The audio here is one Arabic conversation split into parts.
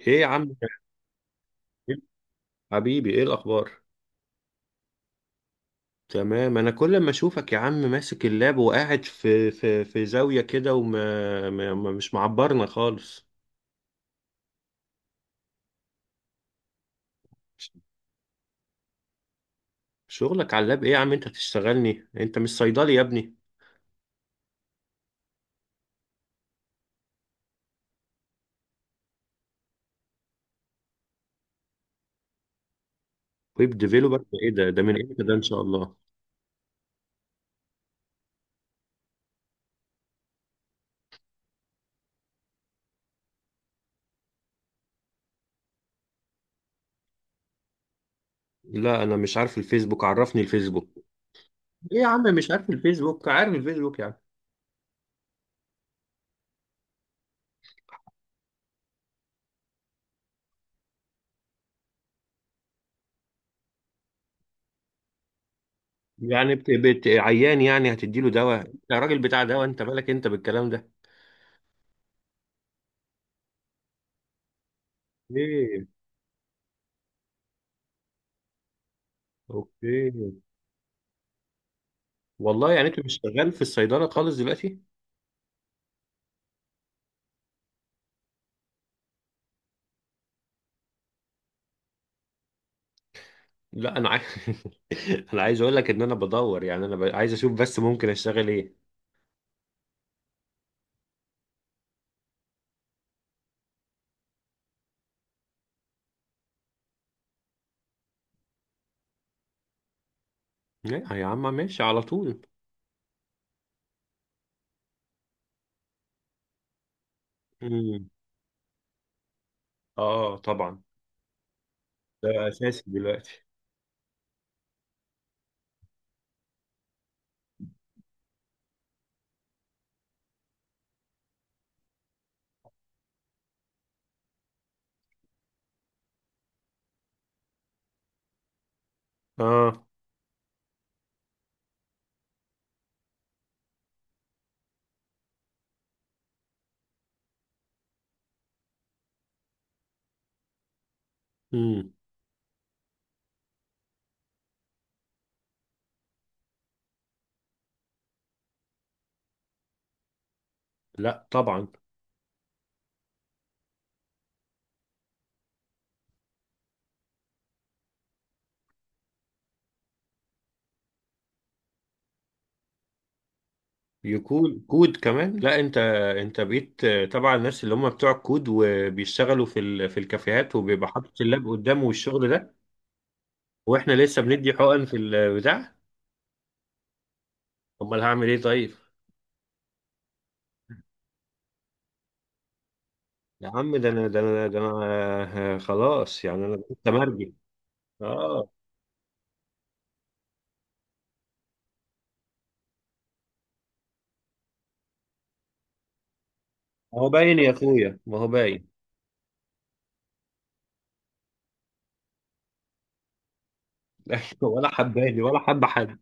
ايه يا عم إسماعيل؟ حبيبي ايه الاخبار. تمام، انا كل ما اشوفك يا عم ماسك اللاب وقاعد في زاويه كده وما ما ما- مش معبرنا خالص. شغلك على اللاب ايه يا عم؟ انت تشتغلني، انت مش صيدلي يا ابني. ويب ديفيلوبر ايه ده؟ من امتى ده ان شاء الله؟ لا انا مش عارف الفيسبوك، عرفني الفيسبوك. ايه يا عم مش عارف الفيسبوك؟ عارف الفيسبوك يعني. عيان يعني هتديله دواء؟ انت راجل بتاع دواء، انت مالك انت بالكلام ده؟ ايه. اوكي. والله يعني انت مش شغال في الصيدله خالص دلوقتي؟ لا انا عايز. انا عايز اقول لك ان انا بدور، يعني عايز اشوف بس ممكن اشتغل ايه. لا يا عم ماشي على طول. امم. اه طبعا. ده اساسي دلوقتي. اه. امم. لا طبعا. يكون كود كمان؟ لا انت، انت بقيت تبع الناس اللي هم بتوع الكود وبيشتغلوا في الكافيهات وبيبقى حاطط اللاب قدامه والشغل ده، واحنا لسه بندي حقن في البتاع. امال هعمل ايه طيب؟ يا عم ده انا ده انا ده انا آه، آه، خلاص يعني انا كنت مرجي. اه. ما هو باين يا اخويا، ما هو باين. ولا حباني ولا حب حد.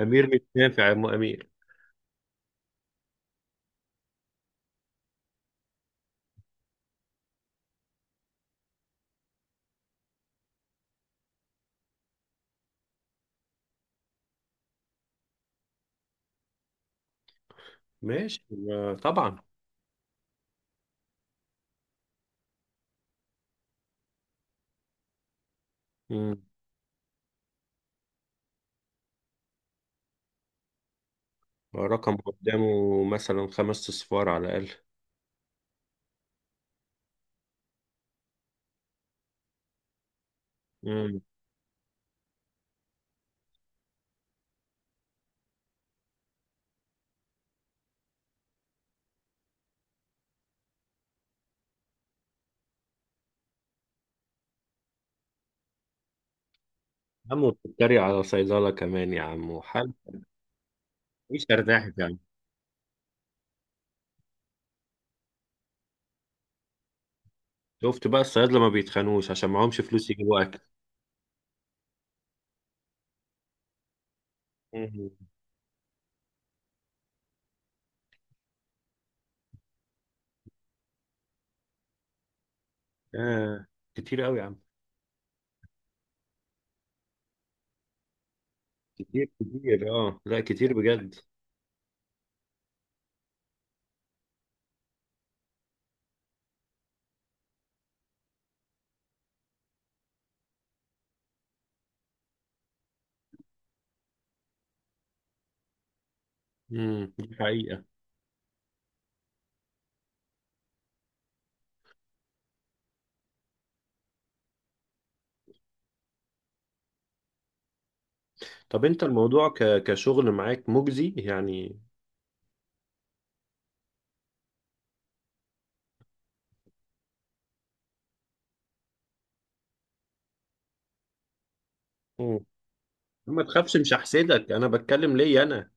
امير مش نافع يا ام امير. ماشي. آه، طبعا. مم. رقم قدامه مثلا خمس اصفار على الاقل. امم. عم وبتتريق على صيدله كمان يا عم وحال؟ مش ارتاحت يعني؟ شفت بقى الصيادله ما بيتخانوش عشان معهمش فلوس يجيبوا اكل. مم. آه. كتير قوي يا عم. كتير كتير اه لا كتير بجد. امم، دي حقيقة. طب انت الموضوع كشغل معاك مجزي يعني؟ مم. ما تخافش مش هحسدك، انا بتكلم ليا انا.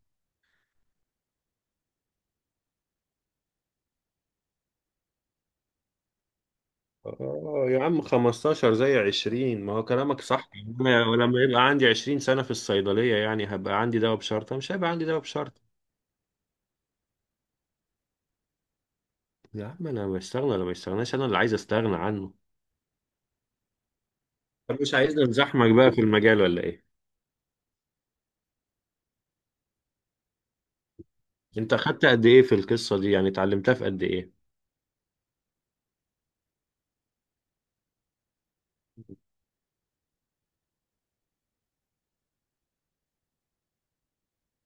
اه يا عم 15 زي 20، ما هو كلامك صح. انا لما يبقى عندي 20 سنة في الصيدلية يعني هبقى عندي دواء بشرطة؟ مش هيبقى عندي دواء بشرطة. يا عم انا بستغنى ولا ما استغناش، انا اللي عايز استغنى عنه. طب مش عايزني نزحمك بقى في المجال ولا ايه؟ انت خدت قد ايه في القصة دي؟ يعني اتعلمتها في قد ايه؟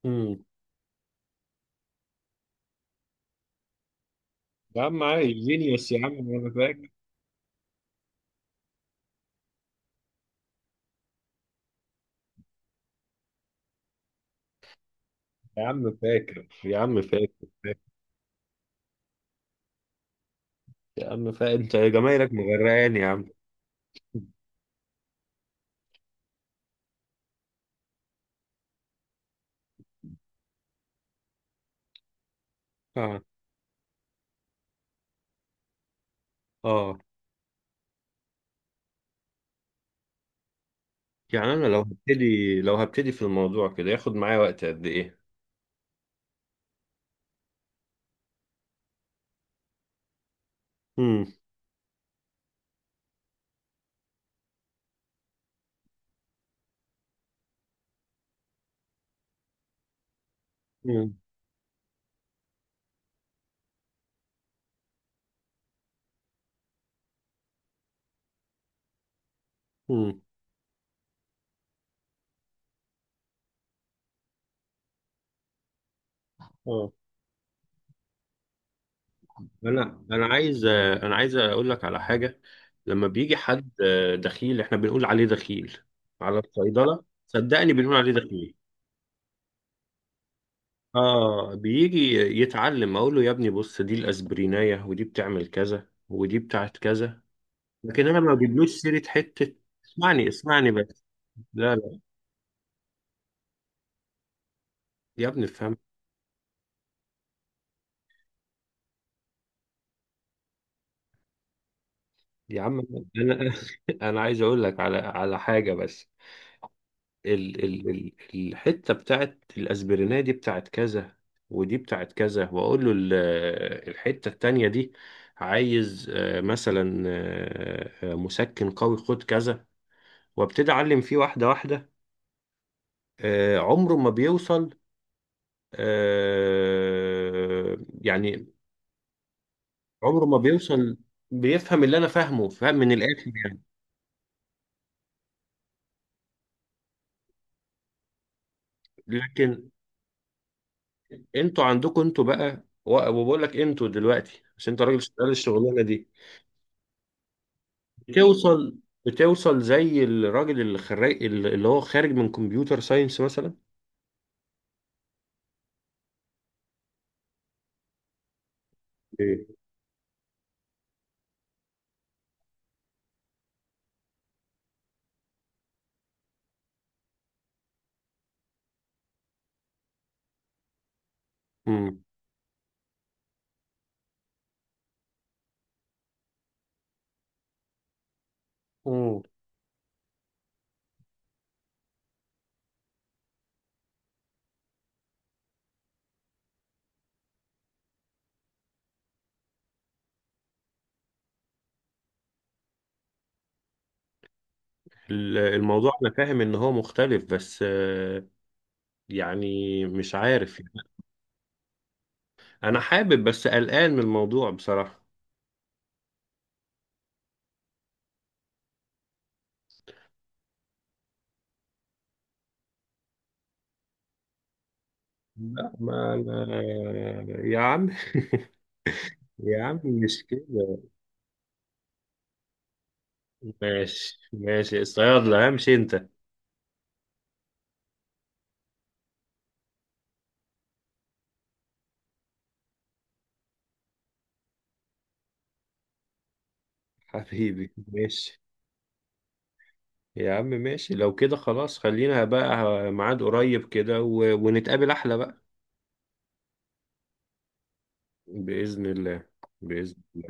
امم. يا عم عايز جينيوس، يا عم انا فاكر، يا عم فاكر، يا عم فاكر. يا عم فاهم انت، جمايلك مغرقاني يا عم. اه. اه يعني انا لو هبتدي، لو هبتدي في الموضوع كده ياخد معايا وقت قد ايه؟ امم. امم. امم. اه. انا عايز، عايز اقول لك على حاجه. لما بيجي حد دخيل، احنا بنقول عليه دخيل على الصيدله، صدقني بنقول عليه دخيل. اه بيجي يتعلم، اقول له يا ابني بص، دي الاسبرينايه ودي بتعمل كذا ودي بتاعت كذا، لكن انا ما بجيبلوش سيره حته. اسمعني اسمعني بس. لا يا ابني افهم. يا عم انا، انا عايز اقول لك على حاجه بس. ال ال ال الحته بتاعت الاسبرينيه دي بتاعت كذا، ودي بتاعت كذا، واقول له الحته التانيه دي عايز مثلا مسكن قوي خد كذا، وابتدي اعلم فيه واحده واحده. آه، عمره ما بيوصل. آه، يعني عمره ما بيوصل، بيفهم اللي انا فاهمه، فاهم من الاخر يعني. لكن انتوا عندكم، انتوا بقى وبقول لك انتوا دلوقتي عشان انت راجل شغال الشغلانه دي، بتوصل، بتوصل زي الراجل اللي خريج، اللي هو خارج من كمبيوتر ساينس مثلا. ايه. امم. امم. الموضوع انا فاهم ان هو مختلف، بس آه، يعني مش عارف يعني. انا حابب بس قلقان من الموضوع بصراحة. لا ما أنا. يا عم. يا عم مش كده. ماشي ماشي الصيادلة، امشي انت. حبيبي ماشي. يا عم ماشي لو كده، خلاص خلينا بقى ميعاد قريب كده ونتقابل احلى بقى. بإذن الله. بإذن الله.